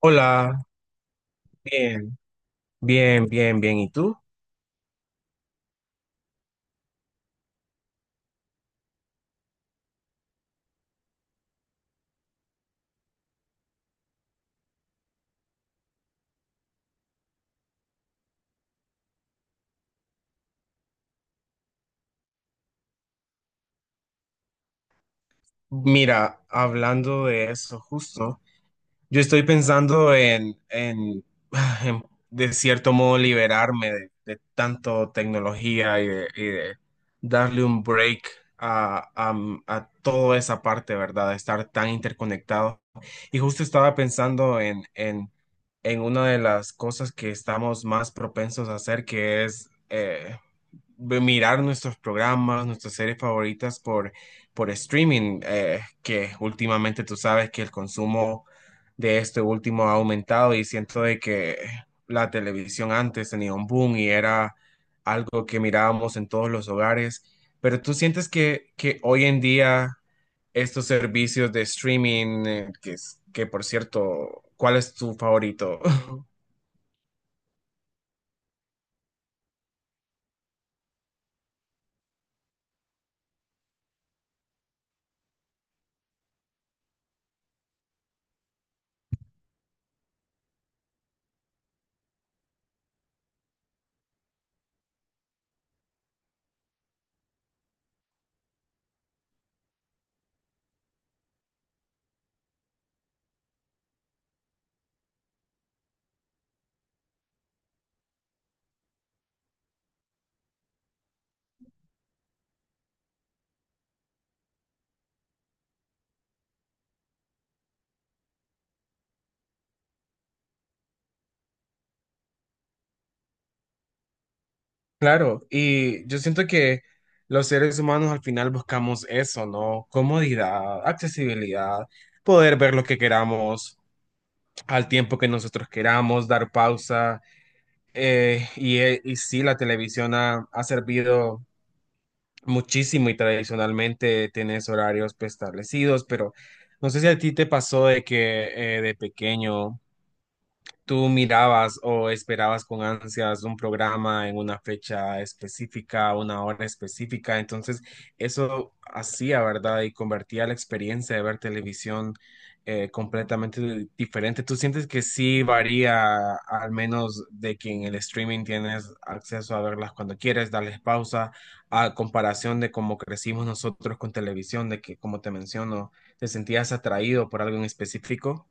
Hola, bien, bien, bien, bien. ¿Y tú? Mira, hablando de eso justo. Yo estoy pensando en, en, de cierto modo, liberarme de tanto tecnología y de darle un break a a toda esa parte, ¿verdad? De estar tan interconectado. Y justo estaba pensando en en una de las cosas que estamos más propensos a hacer, que es mirar nuestros programas, nuestras series favoritas por streaming, que últimamente tú sabes que el consumo de este último ha aumentado y siento de que la televisión antes tenía un boom y era algo que mirábamos en todos los hogares, pero tú sientes que hoy en día estos servicios de streaming, que por cierto, ¿cuál es tu favorito? Claro, y yo siento que los seres humanos al final buscamos eso, ¿no? Comodidad, accesibilidad, poder ver lo que queramos al tiempo que nosotros queramos, dar pausa. Y sí, la televisión ha servido muchísimo y tradicionalmente tienes horarios, pues, establecidos, pero no sé si a ti te pasó de que de pequeño ¿tú mirabas o esperabas con ansias un programa en una fecha específica, una hora específica? Entonces, eso hacía, ¿verdad? Y convertía la experiencia de ver televisión completamente diferente. ¿Tú sientes que sí varía, al menos de que en el streaming tienes acceso a verlas cuando quieres, darles pausa, a comparación de cómo crecimos nosotros con televisión, de que, como te menciono, te sentías atraído por algo en específico?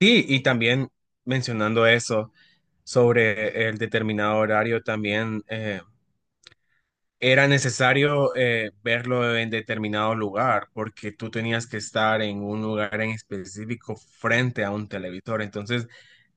Sí, y también mencionando eso sobre el determinado horario, también era necesario verlo en determinado lugar, porque tú tenías que estar en un lugar en específico frente a un televisor, entonces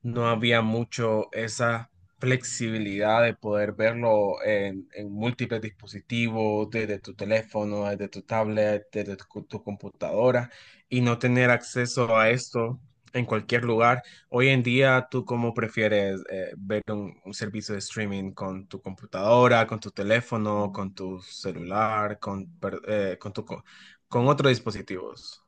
no había mucho esa flexibilidad de poder en múltiples dispositivos, desde tu teléfono, desde tu tablet, desde tu computadora, y no tener acceso a esto en cualquier lugar. Hoy en día, ¿tú cómo prefieres un servicio de streaming con tu computadora, con tu teléfono, con tu celular, con, per- con, tu, co- con otros dispositivos?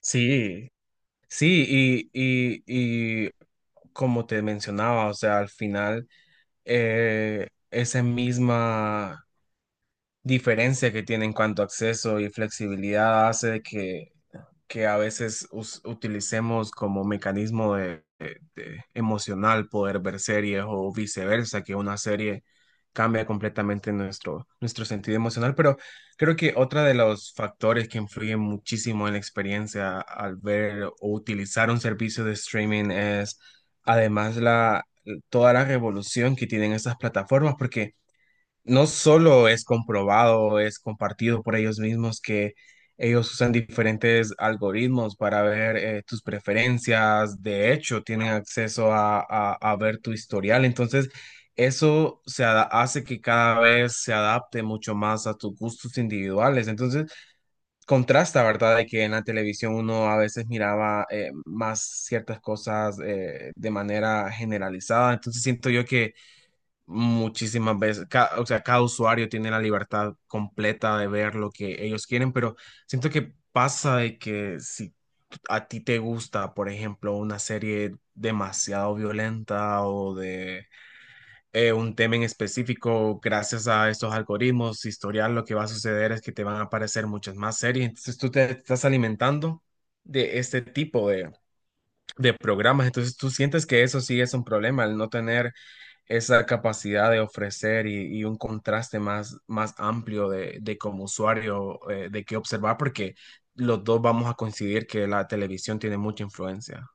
Sí. Sí, y como te mencionaba, o sea, al final, esa misma diferencia que tiene en cuanto a acceso y flexibilidad hace que a veces utilicemos como mecanismo de emocional poder ver series o viceversa, que una serie cambia completamente nuestro sentido emocional, pero creo que otro de los factores que influyen muchísimo en la experiencia al ver o utilizar un servicio de streaming es además toda la revolución que tienen estas plataformas, porque no solo es comprobado, es compartido por ellos mismos que ellos usan diferentes algoritmos para ver tus preferencias, de hecho, tienen acceso a ver tu historial, entonces eso hace que cada vez se adapte mucho más a tus gustos individuales, entonces contrasta, ¿verdad? De que en la televisión uno a veces miraba más ciertas cosas de manera generalizada, entonces siento yo que muchísimas veces, o sea, cada usuario tiene la libertad completa de ver lo que ellos quieren, pero siento que pasa de que si a ti te gusta, por ejemplo, una serie demasiado violenta o de un tema en específico, gracias a estos algoritmos, historial, lo que va a suceder es que te van a aparecer muchas más series, entonces tú te estás alimentando de este tipo de programas. Entonces, tú sientes que eso sí es un problema, el no tener esa capacidad de ofrecer y un contraste más amplio de como usuario, de qué observar, porque los dos vamos a coincidir que la televisión tiene mucha influencia.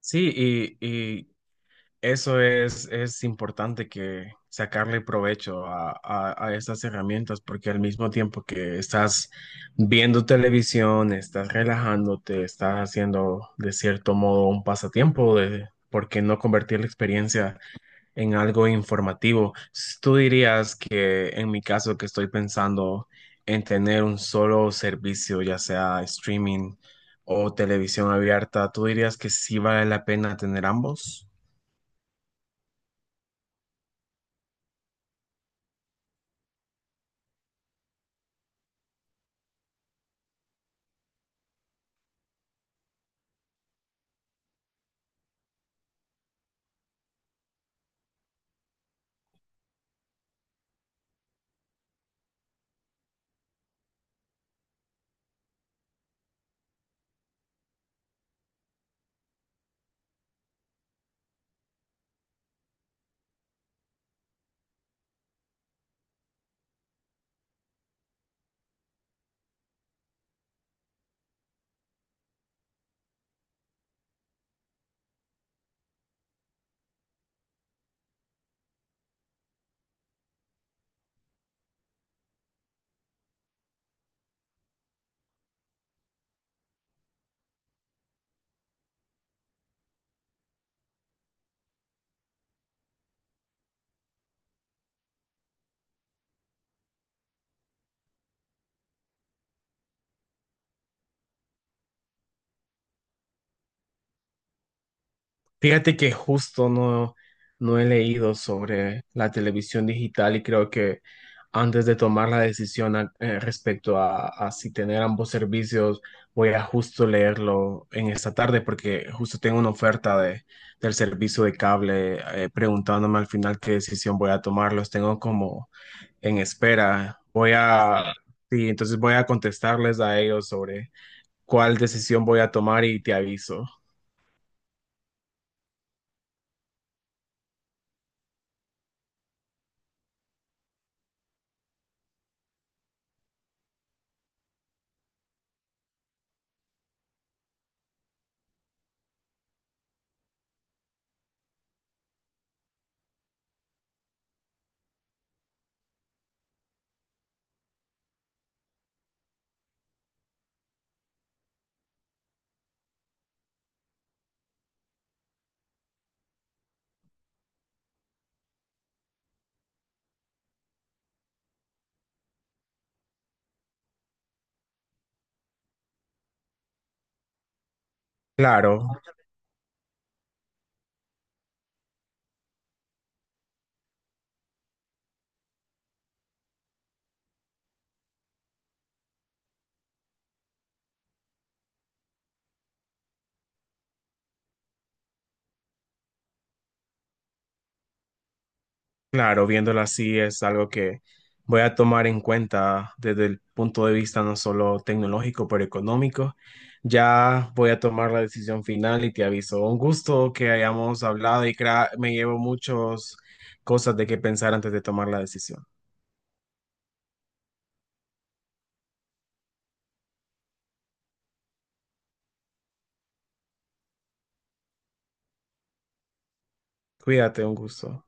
Sí, y, Eso es importante que sacarle provecho a estas herramientas porque al mismo tiempo que estás viendo televisión, estás relajándote, estás haciendo de cierto modo un pasatiempo de por qué no convertir la experiencia en algo informativo. Tú dirías que en mi caso que estoy pensando en tener un solo servicio, ya sea streaming o televisión abierta, ¿tú dirías que sí vale la pena tener ambos? Fíjate que justo no, no he leído sobre la televisión digital y creo que antes de tomar la decisión respecto a si tener ambos servicios, voy a justo leerlo en esta tarde porque justo tengo una oferta del servicio de cable preguntándome al final qué decisión voy a tomar. Los tengo como en espera. Voy a, sí, entonces voy a contestarles a ellos sobre cuál decisión voy a tomar y te aviso. Claro. Claro, viéndolo así es algo que voy a tomar en cuenta desde el punto de vista no solo tecnológico, pero económico. Ya voy a tomar la decisión final y te aviso. Un gusto que hayamos hablado y me llevo muchas cosas de qué pensar antes de tomar la decisión. Cuídate, un gusto.